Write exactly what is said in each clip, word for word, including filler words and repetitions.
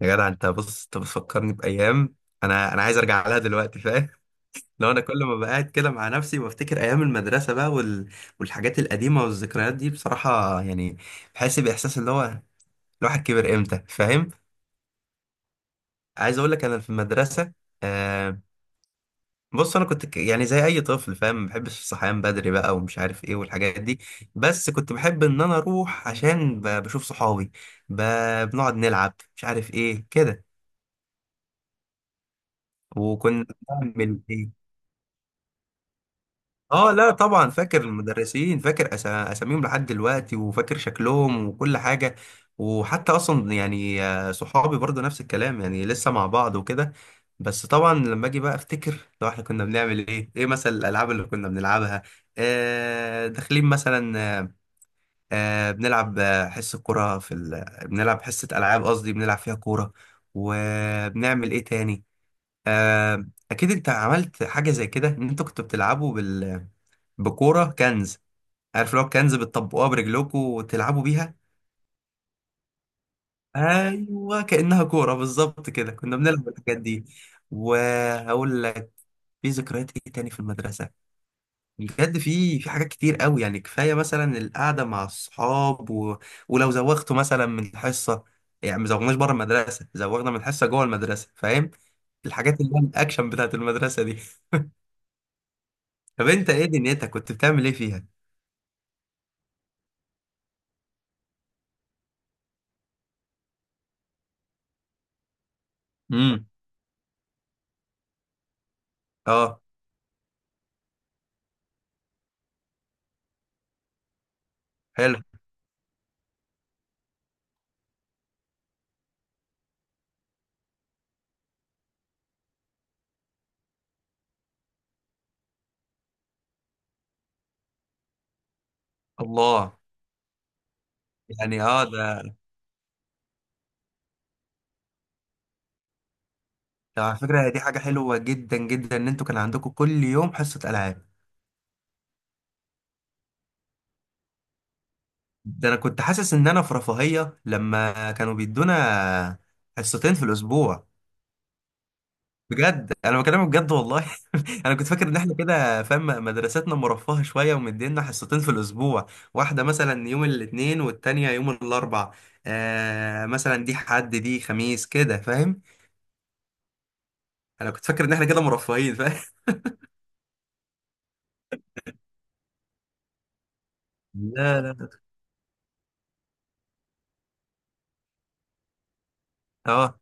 يا جدع، انت بص، انت بتفكرني بايام. انا انا عايز ارجع لها دلوقتي، فاهم؟ لو انا كل ما بقعد كده مع نفسي بفتكر ايام المدرسه بقى وال... والحاجات القديمه والذكريات دي بصراحه، يعني بحس باحساس اللي هو الواحد كبر امتى، فاهم. عايز اقول لك، انا في المدرسه آه بص، انا كنت ك- يعني زي اي طفل، فاهم، ما بحبش الصحيان بدري بقى ومش عارف ايه والحاجات دي. بس كنت بحب ان انا اروح عشان ب... بشوف صحابي. ب... بنقعد نلعب مش عارف ايه كده. وكنا بنعمل ايه. اه لا طبعا فاكر المدرسين، فاكر أسا- اساميهم لحد دلوقتي، وفاكر شكلهم وكل حاجه. وحتى اصلا يعني آه، صحابي برضو نفس الكلام، يعني لسه مع بعض وكده. بس طبعا لما اجي بقى افتكر لو احنا كنا بنعمل ايه، ايه مثلا الالعاب اللي كنا بنلعبها. آه داخلين مثلا آه آه، بنلعب آه، حصه كوره في ال... بنلعب حصه العاب، قصدي بنلعب فيها كوره. وبنعمل ايه تاني. آه اكيد انت عملت حاجه زي كده، ان انتوا كنتوا بتلعبوا بال بكوره كنز. عارف لو كنز بتطبقوها برجلكم وتلعبوا بيها. ايوه كانها كوره بالظبط كده كنا بنلعب الحاجات دي. وهقول لك في ذكريات ايه تاني في المدرسه. بجد في في حاجات كتير قوي، يعني كفايه مثلا القعده مع الصحاب و... ولو زوغتوا مثلا من الحصه. يعني ما زوغناش بره المدرسه، زوغنا من الحصه جوه المدرسه، فاهم. الحاجات اللي هي الاكشن بتاعت المدرسه دي. طب انت ايه دنيتك كنت بتعمل ايه فيها؟ امم. اه حلو. الله. يعني اه. ده ده على فكرة، هي دي حاجة حلوة جدا جدا ان انتوا كان عندكم كل يوم حصة ألعاب. ده انا كنت حاسس ان انا في رفاهية لما كانوا بيدونا حصتين في الاسبوع. بجد انا بكلمك بجد والله. انا كنت فاكر ان احنا كده، فاهم، مدرستنا مرفهة شوية ومدينا حصتين في الاسبوع. واحدة مثلا يوم الاثنين والتانية يوم الاربع، آه مثلا دي حد دي خميس كده، فاهم. انا كنت فاكر ان احنا كده مرفهين، فاهم. لا لا لا. اه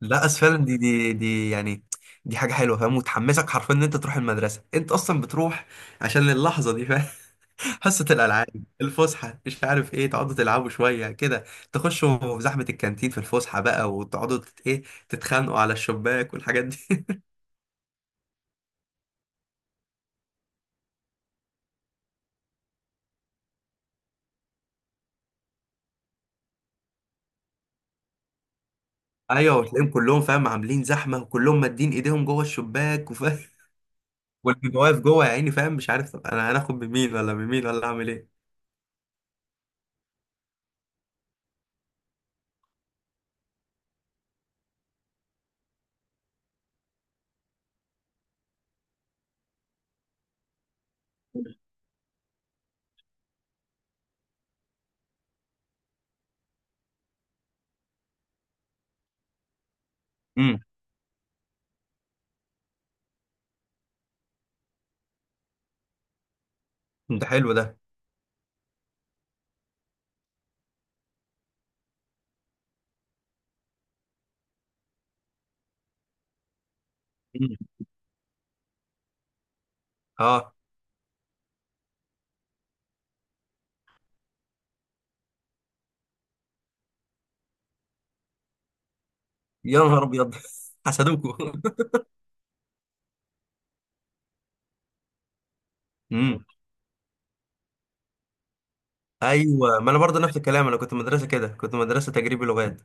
لا، بس فعلا دي دي دي يعني دي حاجه حلوه، فاهم، وتحمسك حرفيا ان انت تروح المدرسه، انت اصلا بتروح عشان اللحظه دي، فاهم. حصه الالعاب، الفسحه، مش عارف ايه، تقعدوا تلعبوا شويه كده، تخشوا في زحمه الكانتين في الفسحه بقى، وتقعدوا تت- ايه، تتخانقوا على الشباك والحاجات دي. ايوه وتلاقيهم كلهم، فاهم، عاملين زحمه وكلهم مادين ايديهم جوه الشباك، وفاهم، واللي واقف جوه يا عيني، فاهم، مش عارف طب انا هناخد بمين ولا بمين ولا اعمل ايه. امم، ده حلو ده. مم. اه. يا نهار ابيض. حسدوكوا. امم. ايوه ما انا برضه نفس الكلام، انا كنت مدرسه كده، كنت مدرسه تجريبي لغات.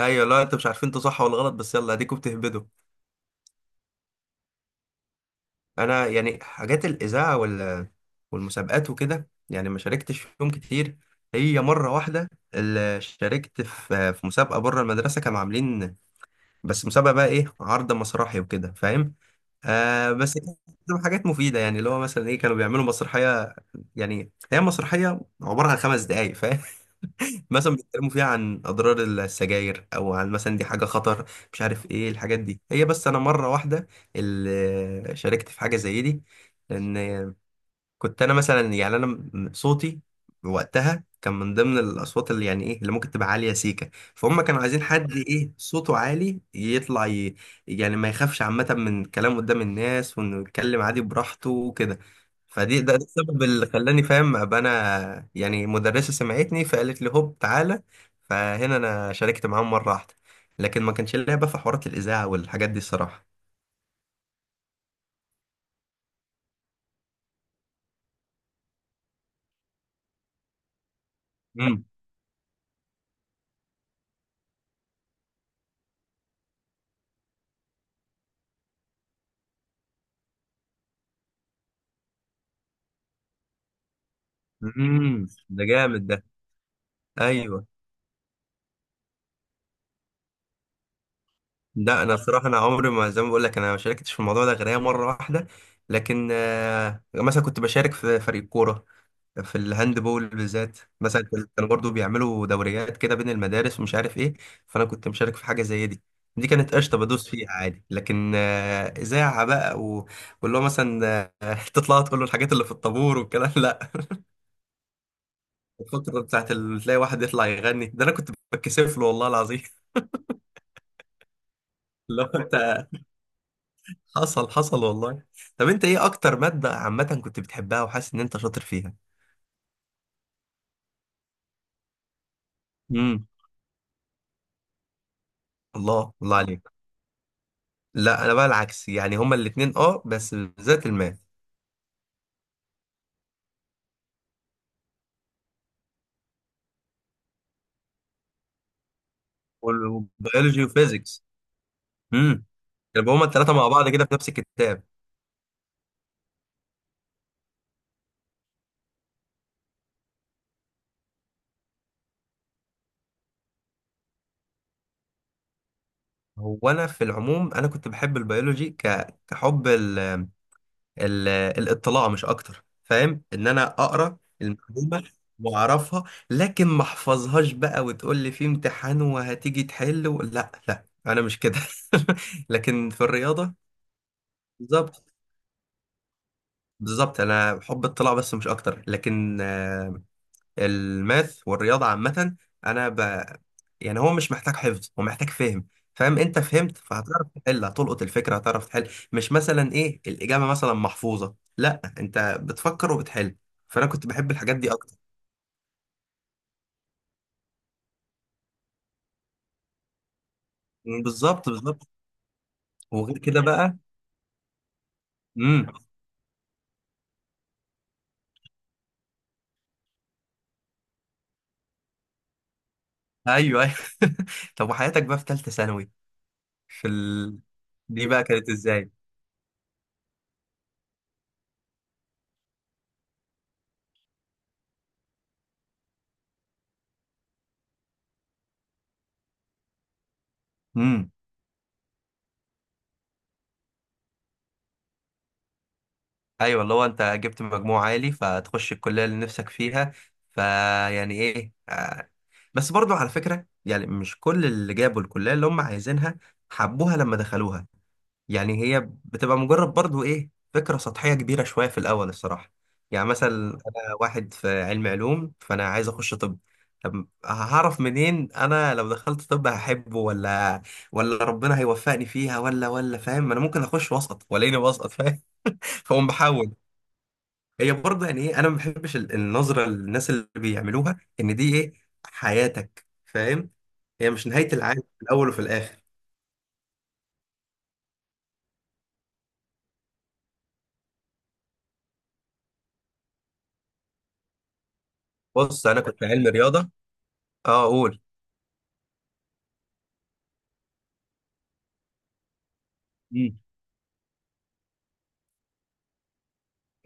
ايوه لا انتوا مش عارفين انتوا صح ولا غلط، بس يلا اديكوا بتهبدوا. انا يعني حاجات الاذاعه وال والمسابقات وكده، يعني ما شاركتش فيهم كتير. هي مره واحده اللي شاركت في في مسابقه بره المدرسه كانوا عاملين، بس مسابقه بقى ايه، عرض مسرحي وكده، فاهم. آه بس كانت حاجات مفيده، يعني اللي هو مثلا ايه، كانوا بيعملوا مسرحيه. يعني هي مسرحيه عباره عن خمس دقائق مثلا، بيتكلموا فيها عن اضرار السجاير، او عن مثلا دي حاجه خطر، مش عارف ايه الحاجات دي، هي بس انا مره واحده اللي شاركت في حاجه زي دي. لان كنت انا مثلا، يعني انا م- صوتي وقتها كان من ضمن الاصوات اللي يعني ايه اللي ممكن تبقى عاليه سيكه، فهم كانوا عايزين حد ايه صوته عالي يطلع ي... يعني ما يخافش عامه من الكلام قدام الناس، وانه يتكلم عادي براحته وكده. فدي ده ده السبب اللي خلاني، فاهم، ابقى انا، يعني مدرسه سمعتني فقالت لي هوب تعالى. فهنا انا شاركت معاهم مره واحده. لكن ما كانش ليا بقى في حوارات الاذاعه والحاجات دي الصراحه. امم. امم ده جامد ده. ايوه. لا انا الصراحه انا عمري ما، زي ما بقول لك، انا ما شاركتش في الموضوع ده غير هي مره واحده. لكن آه، مثلا كنت بشارك في فريق كوره في الهاند بول بالذات، مثلا كنت- كانوا برضو بيعملوا دوريات كده بين المدارس ومش عارف ايه. فانا كنت مشارك في حاجه زي دي. دي كانت قشطه، بدوس فيها عادي، لكن آه، اذاعه بقى و- واللي هو مثلا آه، تطلع تقول له الحاجات اللي في الطابور والكلام. لا الفتره بتاعت ال- تلاقي واحد يطلع يغني، ده انا كنت بتكسف له والله العظيم. اللي هو انت، حصل حصل والله. طب انت ايه اكتر مادة عامة كنت بتحبها وحاسس ان انت شاطر فيها؟ امم. الله الله عليك. لا انا بقى العكس، يعني هما الاتنين اه بس بالذات الماث والبيولوجي وفيزيكس. امم. يبقى هما التلاتة مع بعض كده في نفس الكتاب. هو انا في العموم انا كنت بحب البيولوجي ك... كحب ال- الاطلاع مش اكتر، فاهم، ان انا اقرا المعلومه واعرفها، لكن ما احفظهاش بقى وتقول لي في امتحان وهتيجي تحل و... لا لا انا مش كده. لكن في الرياضه بالظبط بالظبط، انا بحب اطلاع بس مش اكتر، لكن الماث والرياضة عامة أنا ب... يعني هو مش محتاج حفظ، هو محتاج فهم، فاهم، أنت فهمت فهتعرف تحل، هتلقط الفكرة هتعرف تحل، مش مثلا إيه الإجابة مثلا محفوظة، لا أنت بتفكر وبتحل. فأنا كنت بحب الحاجات دي أكتر. مم، بالظبط بالظبط. وغير كده بقى. امم. ايوه ايوه. طب وحياتك بقى في ثالثه ثانوي في ال... دي بقى كانت ازاي؟ ايوه اللي هو انت جبت مجموع عالي فتخش الكليه اللي نفسك فيها، فيعني ايه آه. بس برضو على فكره، يعني مش كل اللي جابوا الكليه اللي هم عايزينها حبوها لما دخلوها. يعني هي بتبقى مجرد برضو ايه، فكره سطحيه كبيره شويه في الاول الصراحه. يعني مثلا انا واحد في علم علوم فانا عايز اخش طب. طب هعرف منين انا لو دخلت طب هحبه ولا ولا ربنا هيوفقني فيها ولا ولا فاهم؟ انا ممكن اخش وسط والاقيني وسط، فاهم. فاقوم بحاول. هي برضه يعني ايه، انا ما بحبش ال- النظره للناس اللي بيعملوها ان دي ايه، حياتك، فاهم. هي مش نهايه العالم في الاول وفي الاخر. بص انا كنت علمي رياضه. اه قول. مم.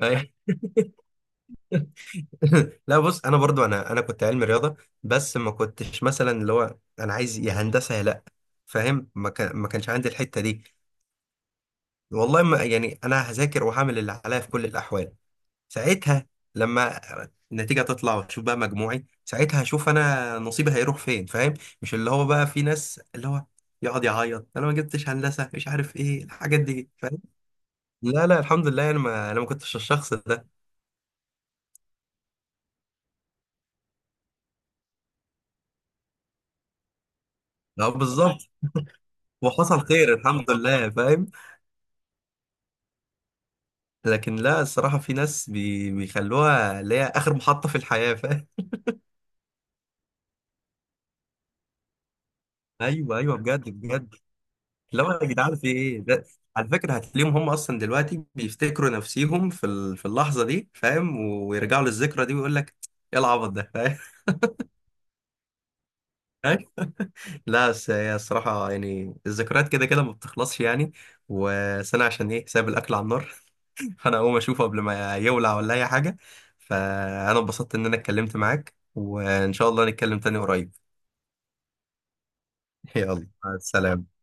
أي- لا بص انا برضو انا انا كنت علمي رياضه، بس ما كنتش مثلا اللي هو انا عايز يا هندسه يا لا، فاهم، ما كان ما كانش عندي الحته دي. والله ما، يعني انا هذاكر وهعمل اللي عليا في كل الاحوال. ساعتها لما النتيجه تطلع وتشوف بقى مجموعي، ساعتها هشوف انا نصيبي هيروح فين، فاهم. مش اللي هو بقى في ناس اللي هو يقعد يعيط انا ما جبتش هندسه مش عارف ايه الحاجات دي، فاهم. لا لا الحمد لله انا ما انا ما كنتش الشخص ده. لا بالظبط. وحصل خير الحمد لله، فاهم. لكن لا الصراحه في ناس بي... بيخلوها اللي هي اخر محطه في الحياه، فاهم. ايوه ايوه بجد بجد. اللي هو يا جدعان في ايه ده. على فكره هتلاقيهم هم اصلا دلوقتي بيفتكروا نفسيهم في ال- في اللحظه دي، فاهم، ويرجعوا للذكرى دي ويقول لك ايه العبط ده، فاهم. لا بس هي الصراحه يعني الذكريات كده كده ما بتخلصش يعني. وسنه عشان ايه، سايب الاكل على النار، فانا اقوم اشوفه قبل ما يولع ولا اي حاجه. فانا انبسطت ان انا اتكلمت معاك، وان شاء الله نتكلم تاني قريب. يلا مع السلامه.